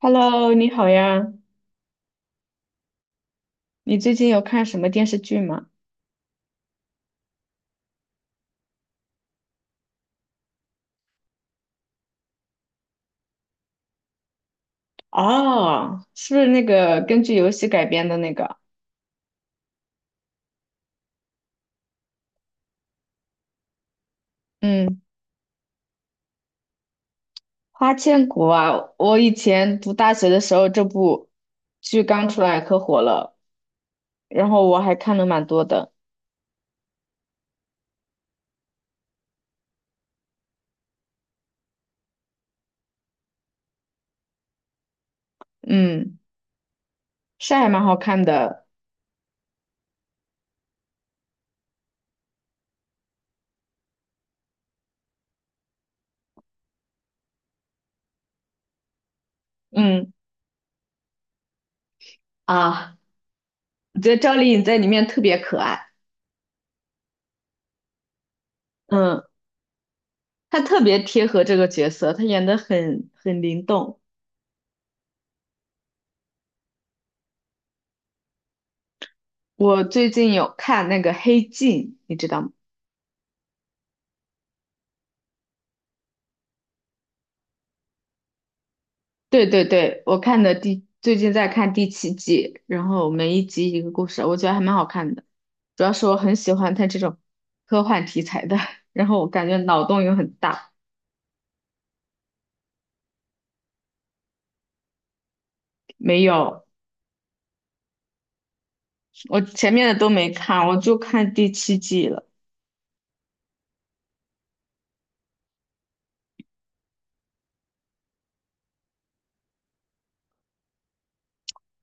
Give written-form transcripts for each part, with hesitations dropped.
Hello，你好呀，你最近有看什么电视剧吗？哦，是不是那个根据游戏改编的那个？嗯，《花千骨》啊，我以前读大学的时候，这部剧刚出来可火了，然后我还看了蛮多的，嗯，是还蛮好看的，嗯，啊，我觉得赵丽颖在里面特别可爱，嗯，她特别贴合这个角色，她演的很灵动。我最近有看那个《黑镜》，你知道吗？对对对，我看的第最近在看第七季，然后每一集一个故事，我觉得还蛮好看的。主要是我很喜欢它这种科幻题材的，然后我感觉脑洞又很大。没有，我前面的都没看，我就看第七季了。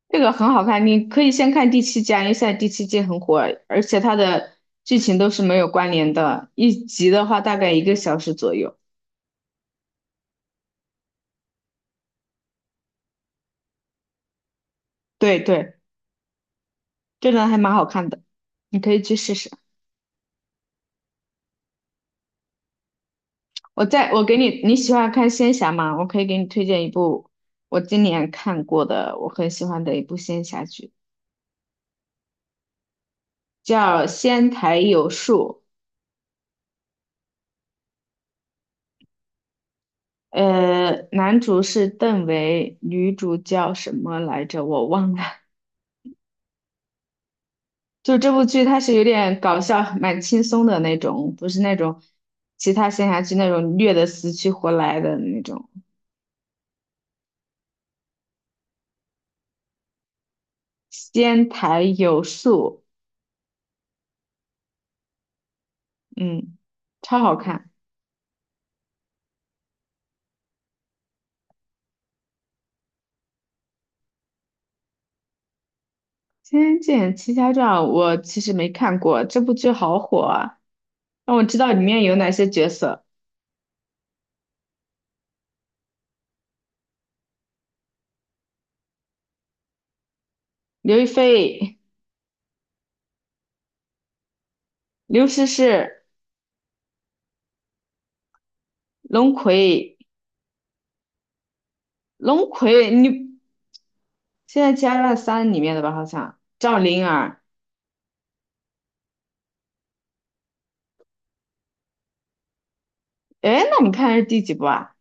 这个很好看，你可以先看第七季啊，因为现在第七季很火，而且它的剧情都是没有关联的，一集的话大概一个小时左右。对对，这个还蛮好看的，你可以去试试。我在我给你，你喜欢看仙侠吗？我可以给你推荐一部我今年看过的，我很喜欢的一部仙侠剧，叫《仙台有树》。男主是邓为，女主叫什么来着？我忘了。就这部剧，它是有点搞笑，蛮轻松的那种，不是那种其他仙侠剧那种虐的死去活来的那种。仙台有树，嗯，超好看。《仙剑奇侠传》我其实没看过，这部剧好火啊！让我知道里面有哪些角色：刘亦菲、刘诗诗、龙葵、龙葵，你现在《仙剑奇侠传三》里面的吧？好像赵灵儿。哎，那我们看的是第几部啊？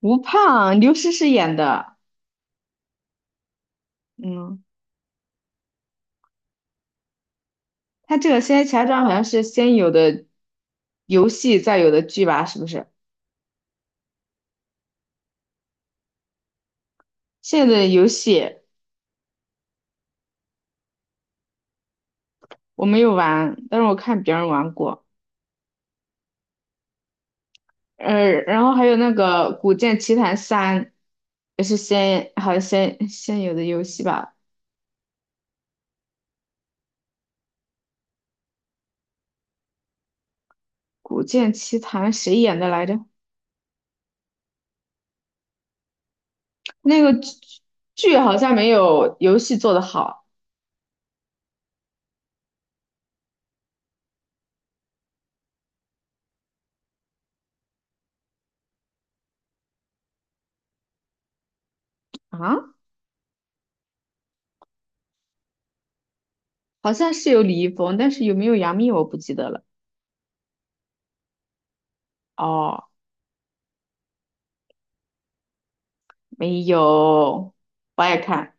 吴胖，刘诗诗演的。嗯，他这个《仙剑奇侠传》好像是先有的游戏，再有的剧吧？是不是？现在的游戏我没有玩，但是我看别人玩过。然后还有那个《古剑奇谭三》，也是先好像先有的游戏吧，《古剑奇谭》谁演的来着？那个剧好像没有游戏做的好啊，好像是有李易峰，但是有没有杨幂我不记得了。哦，没有，我爱看，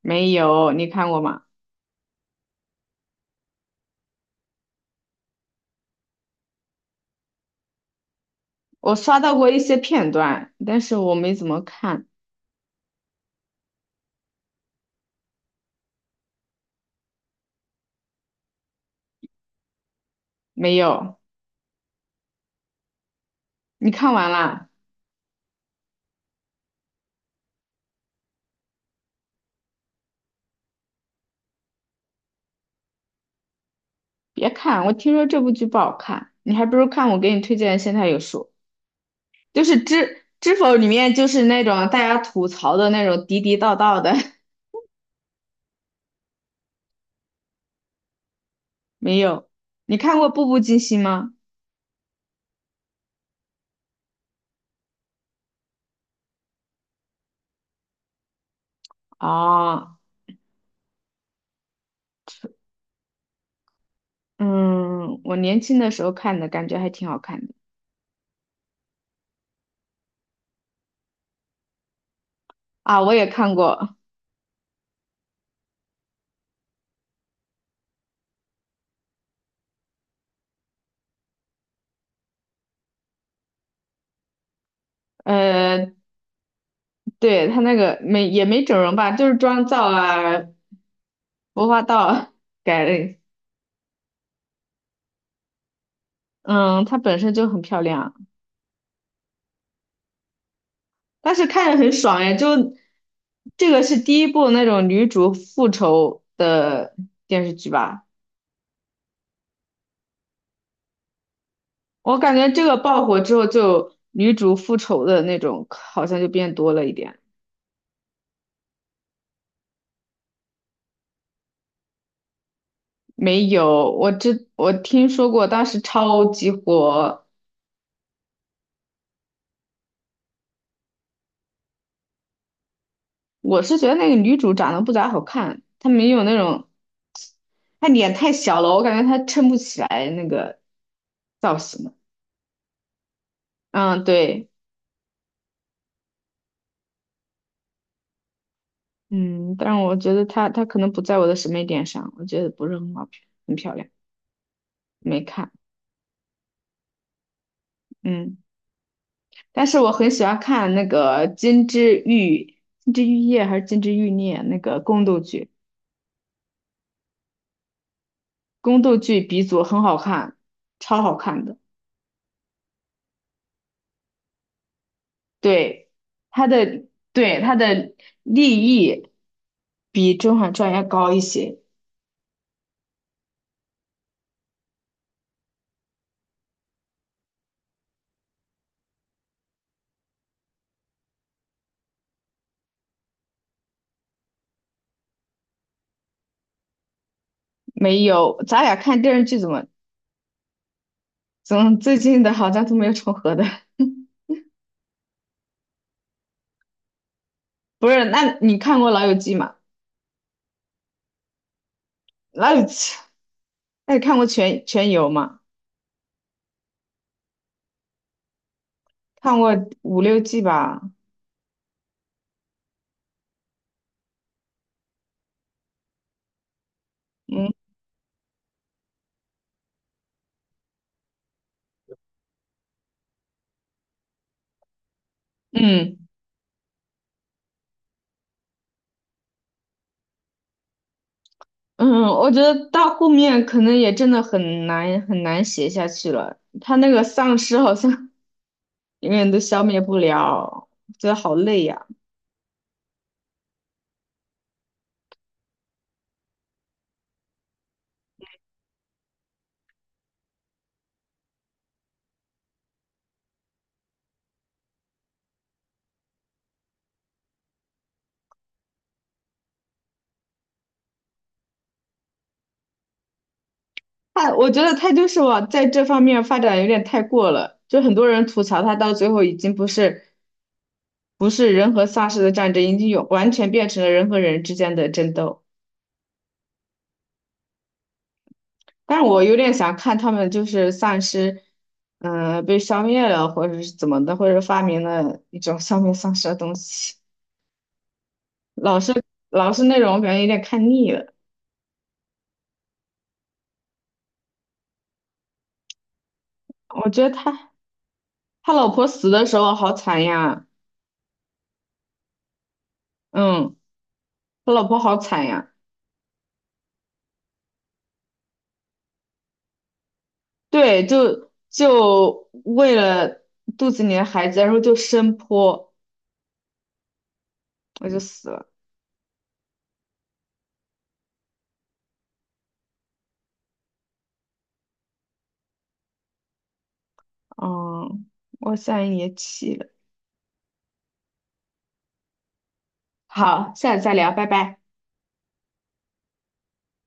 没有，你看过吗？我刷到过一些片段，但是我没怎么看，没有，你看完啦？别看，我听说这部剧不好看，你还不如看我给你推荐的《现代有书》，就是知否里面就是那种大家吐槽的那种地地道道的，没有。你看过《步步惊心》吗？哦，嗯，我年轻的时候看的，感觉还挺好看的啊，我也看过。呃，对，他那个没也没整容吧，就是妆造啊、服化道啊改了。嗯，她本身就很漂亮啊。但是看着很爽哎，就这个是第一部那种女主复仇的电视剧吧？我感觉这个爆火之后，就女主复仇的那种好像就变多了一点。没有，我知我听说过，当时超级火。我是觉得那个女主长得不咋好看，她没有那种，她脸太小了，我感觉她撑不起来那个造型。嗯，对。嗯，但我觉得它可能不在我的审美点上，我觉得不是很好，很漂亮，没看。嗯，但是我很喜欢看那个《金枝玉金枝玉叶》还是《金枝玉孽》那个宫斗剧，宫斗剧鼻祖，很好看，超好看的。对，它的对它的立意比《甄嬛传》要高一些。没有，咱俩看电视剧怎么怎么最近的好像都没有重合的。不是，那你看过《老友记》吗？那那你看过全游吗？看过五六季吧。嗯嗯嗯，我觉得到后面可能也真的很难很难写下去了。他那个丧尸好像 永远都消灭不了，觉得好累呀、他我觉得他就是往在这方面发展有点太过了，就很多人吐槽他到最后已经不是不是人和丧尸的战争，已经有完全变成了人和人之间的争斗。但是我有点想看他们就是丧尸，嗯、被消灭了，或者是怎么的，或者发明了一种消灭丧尸的东西。老是老是那种，我感觉有点看腻了。我觉得他老婆死的时候好惨呀，嗯，他老婆好惨呀，对，就为了肚子里的孩子，然后就生泼，我就死了。嗯，我现在也气了。好，下次再聊，拜拜。